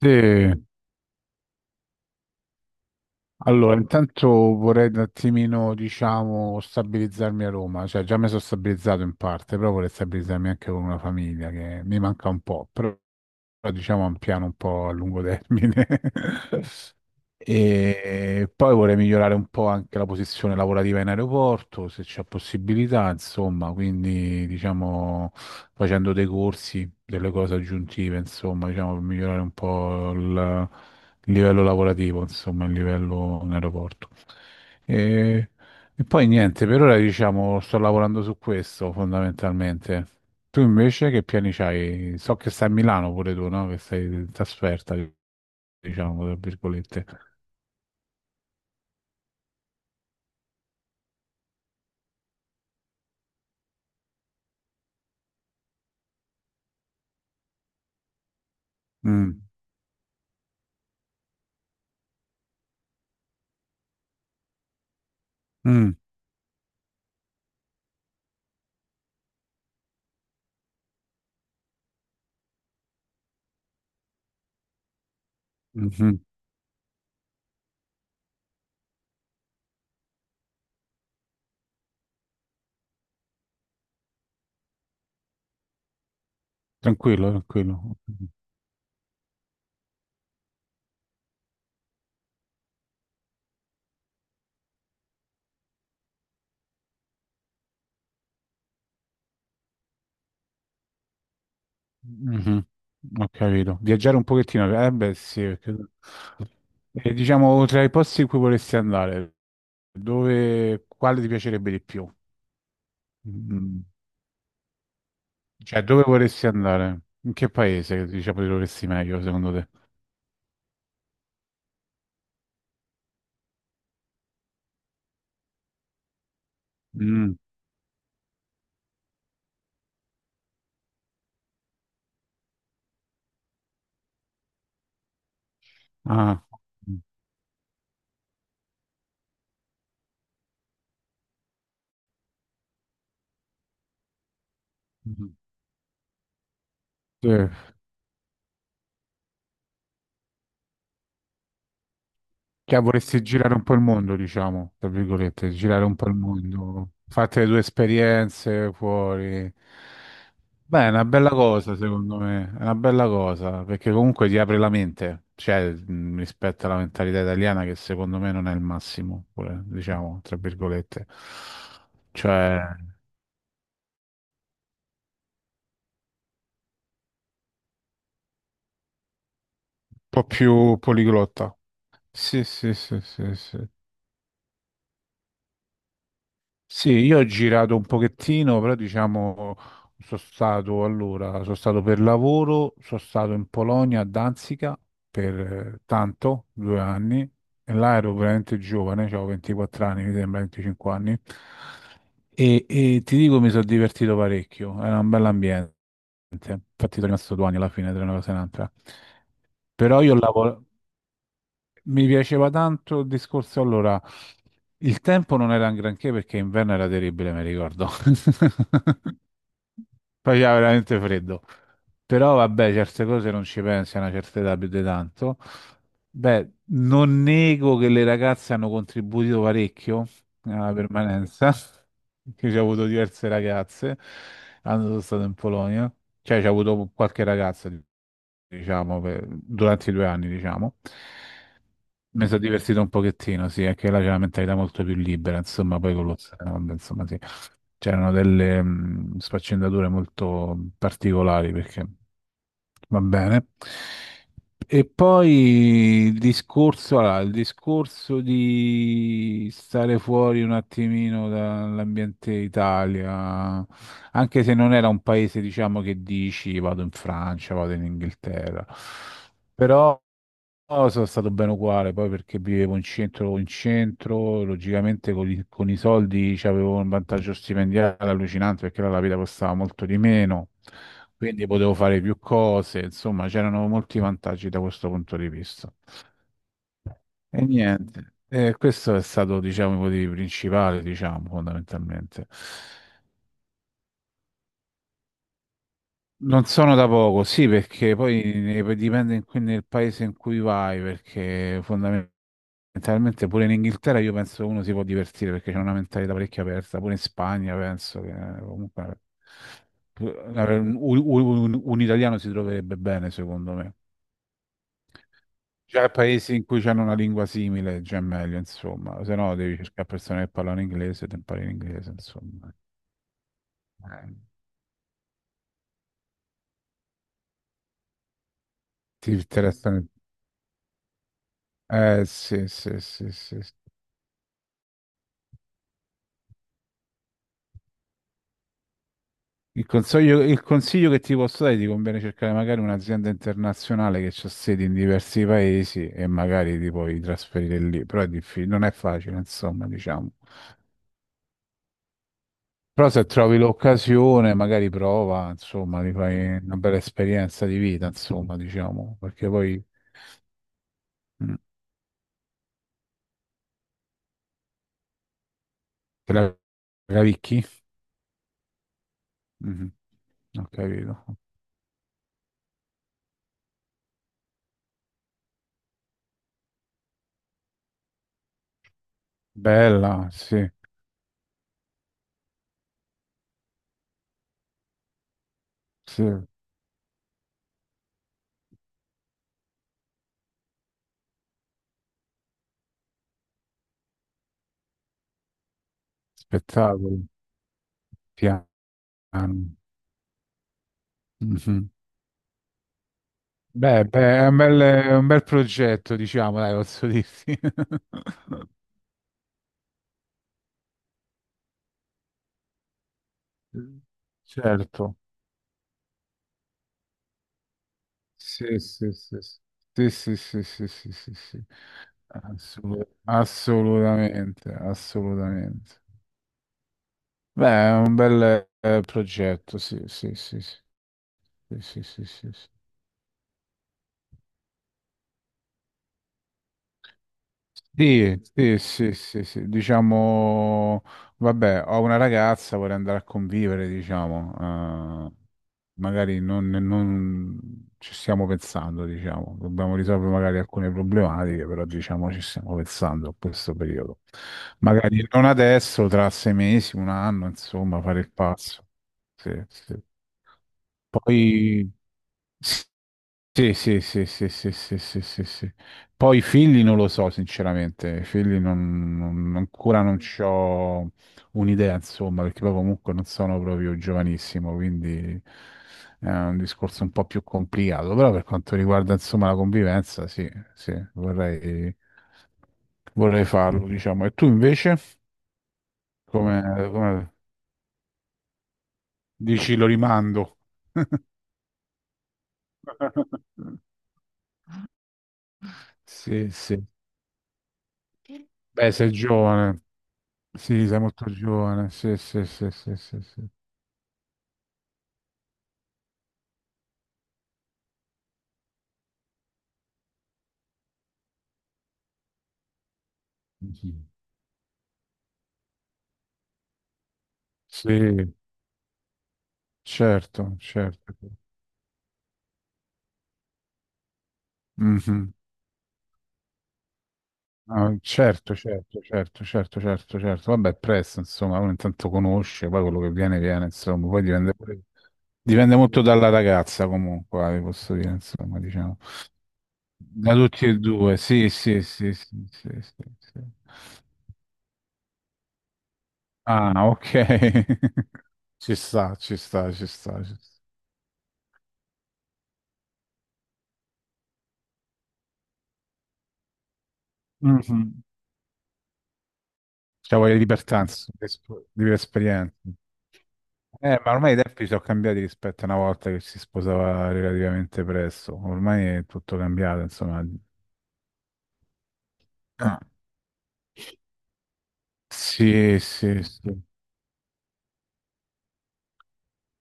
Sì, allora intanto vorrei un attimino, diciamo, stabilizzarmi a Roma, cioè già mi sono stabilizzato in parte, però vorrei stabilizzarmi anche con una famiglia che mi manca un po', però diciamo è un piano un po' a lungo termine. E poi vorrei migliorare un po' anche la posizione lavorativa in aeroporto, se c'è possibilità, insomma, quindi diciamo facendo dei corsi, delle cose aggiuntive, insomma, diciamo per migliorare un po' il livello lavorativo, insomma, il livello in aeroporto. E, e poi niente, per ora diciamo sto lavorando su questo fondamentalmente. Tu invece che piani c'hai? So che stai a Milano pure tu, no? Che sei in trasferta, diciamo, tra virgolette. Mm, mm, mhm. Tranquillo, tranquillo. Mhm, ho capito. Viaggiare un pochettino, eh beh sì, perché... E diciamo, tra i posti in cui vorresti andare, dove, quale ti piacerebbe di più? Mm, cioè, dove vorresti andare? In che paese, diciamo, ti dovresti meglio, secondo te? Mm, ah. Mhm. Sì. Cioè, vorresti girare un po' il mondo, diciamo, tra virgolette, girare un po' il mondo, fate le tue esperienze fuori. Beh, è una bella cosa, secondo me, è una bella cosa, perché comunque ti apre la mente, cioè, rispetto alla mentalità italiana, che secondo me non è il massimo, pure, diciamo, tra virgolette. Cioè, un po' più poliglotta. Sì, sì, sì, sì, sì. Sì, io ho girato un pochettino, però diciamo sono stato allora, sono stato per lavoro, sono stato in Polonia a Danzica per tanto, due anni, e là ero veramente giovane, avevo 24 anni, mi sembra 25 anni, e ti dico mi sono divertito parecchio, era un bell'ambiente, infatti sono rimasto due anni alla fine tra una cosa e un'altra, però io lavoro... Mi piaceva tanto il discorso. Allora, il tempo non era un granché perché inverno era terribile, mi ricordo. Faceva veramente freddo. Però vabbè, certe cose non ci pensi a una certa età più di tanto. Beh, non nego che le ragazze hanno contribuito parecchio alla permanenza, che ci ho avuto diverse ragazze, quando sono stato in Polonia. Cioè, ci ho avuto qualche ragazza, diciamo, per- durante i due anni, diciamo. Mi sono divertito un pochettino, sì, è che là c'è una mentalità molto più libera, insomma, poi con lo stand, insomma, sì. C'erano delle sfaccendature molto particolari perché va bene. E poi il discorso, allora, il discorso di stare fuori un attimino dall'ambiente Italia, anche se non era un paese, diciamo, che dici vado in Francia, vado in Inghilterra, però. No, sono stato bene uguale, poi perché vivevo in centro, logicamente con i soldi cioè, avevo un vantaggio stipendiale allucinante perché là la vita costava molto di meno, quindi potevo fare più cose, insomma c'erano molti vantaggi da questo punto di vista. E niente, questo è stato diciamo il motivo principale, diciamo, fondamentalmente. Non sono da poco, sì, perché poi ne- dipende in cui- nel paese in cui vai, perché fondamentalmente mentalmente pure in Inghilterra io penso uno si può divertire perché c'è una mentalità parecchio aperta, pure in Spagna penso che comunque un italiano si troverebbe bene secondo me. Già paesi in cui c'hanno una lingua simile, già è meglio, insomma, se no devi cercare persone che parlano inglese, e ti impari l'inglese, insomma. Eh, ti interessano. Eh sì, sì, sì, sì, il consiglio, il consiglio che ti posso dare è di conviene cercare magari un'azienda internazionale che ha sedi in diversi paesi e magari ti puoi trasferire lì, però è difficile, non è facile, insomma, diciamo. Però se trovi l'occasione, magari prova, insomma, ti fai una bella esperienza di vita, insomma, diciamo, perché poi mm, te la cavicchi? Mhm, ho capito. Bella, sì, sì, spettacolo, piano. Mhm. Beh, beh, è un bel progetto, diciamo, dai, posso dirti. Certo. Sì, sì, sì, sì. Sì, sì, sì, sì, sì, sì, sì. Assolut- assolutamente, assolutamente. Beh, è un bel progetto, sì, sì, sì, sì, sì, sì, sì, sì. Sì. Sì, sì, sì, sì, sì, diciamo, vabbè, ho una ragazza, vorrei andare a convivere, diciamo, magari non, non ci stiamo pensando, diciamo, dobbiamo risolvere magari alcune problematiche, però diciamo ci stiamo pensando a questo periodo. Magari non adesso, tra sei mesi, un anno, insomma, fare il passo. Sì, sì. Poi... Sì, sì, sì, sì, sì, sì, sì, sì, sì. Poi i figli non lo so, sinceramente, i figli non, non- ancora non c'ho un'idea, insomma, perché poi comunque non sono proprio giovanissimo, quindi è un discorso un po' più complicato, però per quanto riguarda, insomma, la convivenza, sì, sì, vorrei farlo, diciamo. E tu invece, come, come dici, lo rimando? Sì, sì. Beh, sei giovane. Sì, sei molto giovane, sì, sì, sì, sì, sì, sì. Anch'io. Sì, certo, certo. Mhm. Ah, certo, certo, certo, certo, certo, certo. Vabbè, è presto, insomma, uno intanto conosce, poi quello che viene, viene, insomma, poi dipende pure- dipende molto dalla ragazza, comunque, vi posso dire, insomma, diciamo. Da tutti e due, sì, sì, sì, sì, sì, sì, sì. Ah, ok. Ci sta, ci sta, ci sta, ci sta. Cioè, voglio libertà, insomma, di esp- di vivere esperienze. Ma ormai i tempi sono cambiati rispetto a una volta che si sposava relativamente presto. Ormai è tutto cambiato, insomma. Ah, sì, sì, sì.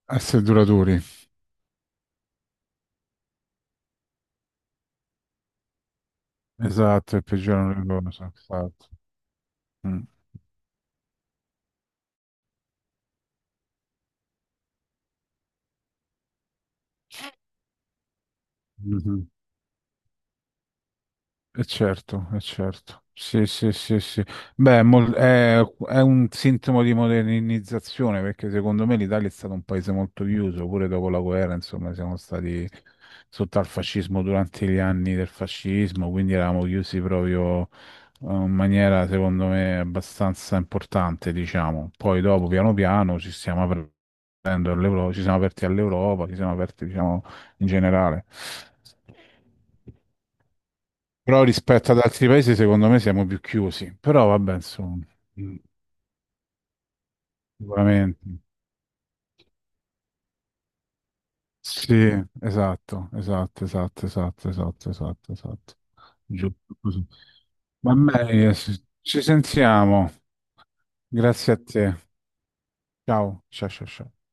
Essere duraturi. Esatto, è il peggiore errore che ho fatto. Mm. Mhm. E certo, è certo. Sì, sì, sì, sì. Beh, è, mol- è un sintomo di modernizzazione perché secondo me l'Italia è stato un paese molto chiuso, pure dopo la guerra, insomma, siamo stati sotto al fascismo durante gli anni del fascismo, quindi eravamo chiusi proprio in maniera, secondo me, abbastanza importante, diciamo. Poi dopo, piano piano, ci stiamo aprendo all'Euro- ci siamo aperti all'Europa, ci siamo aperti, diciamo, in generale. Però rispetto ad altri paesi, secondo me siamo più chiusi. Però vabbè, insomma, mm, sicuramente. Sì, esatto, esatto, esatto, esatto, esatto, esatto, esatto. Giusto così. Va bene, ci sentiamo. Grazie a te. Ciao, ciao, ciao, ciao.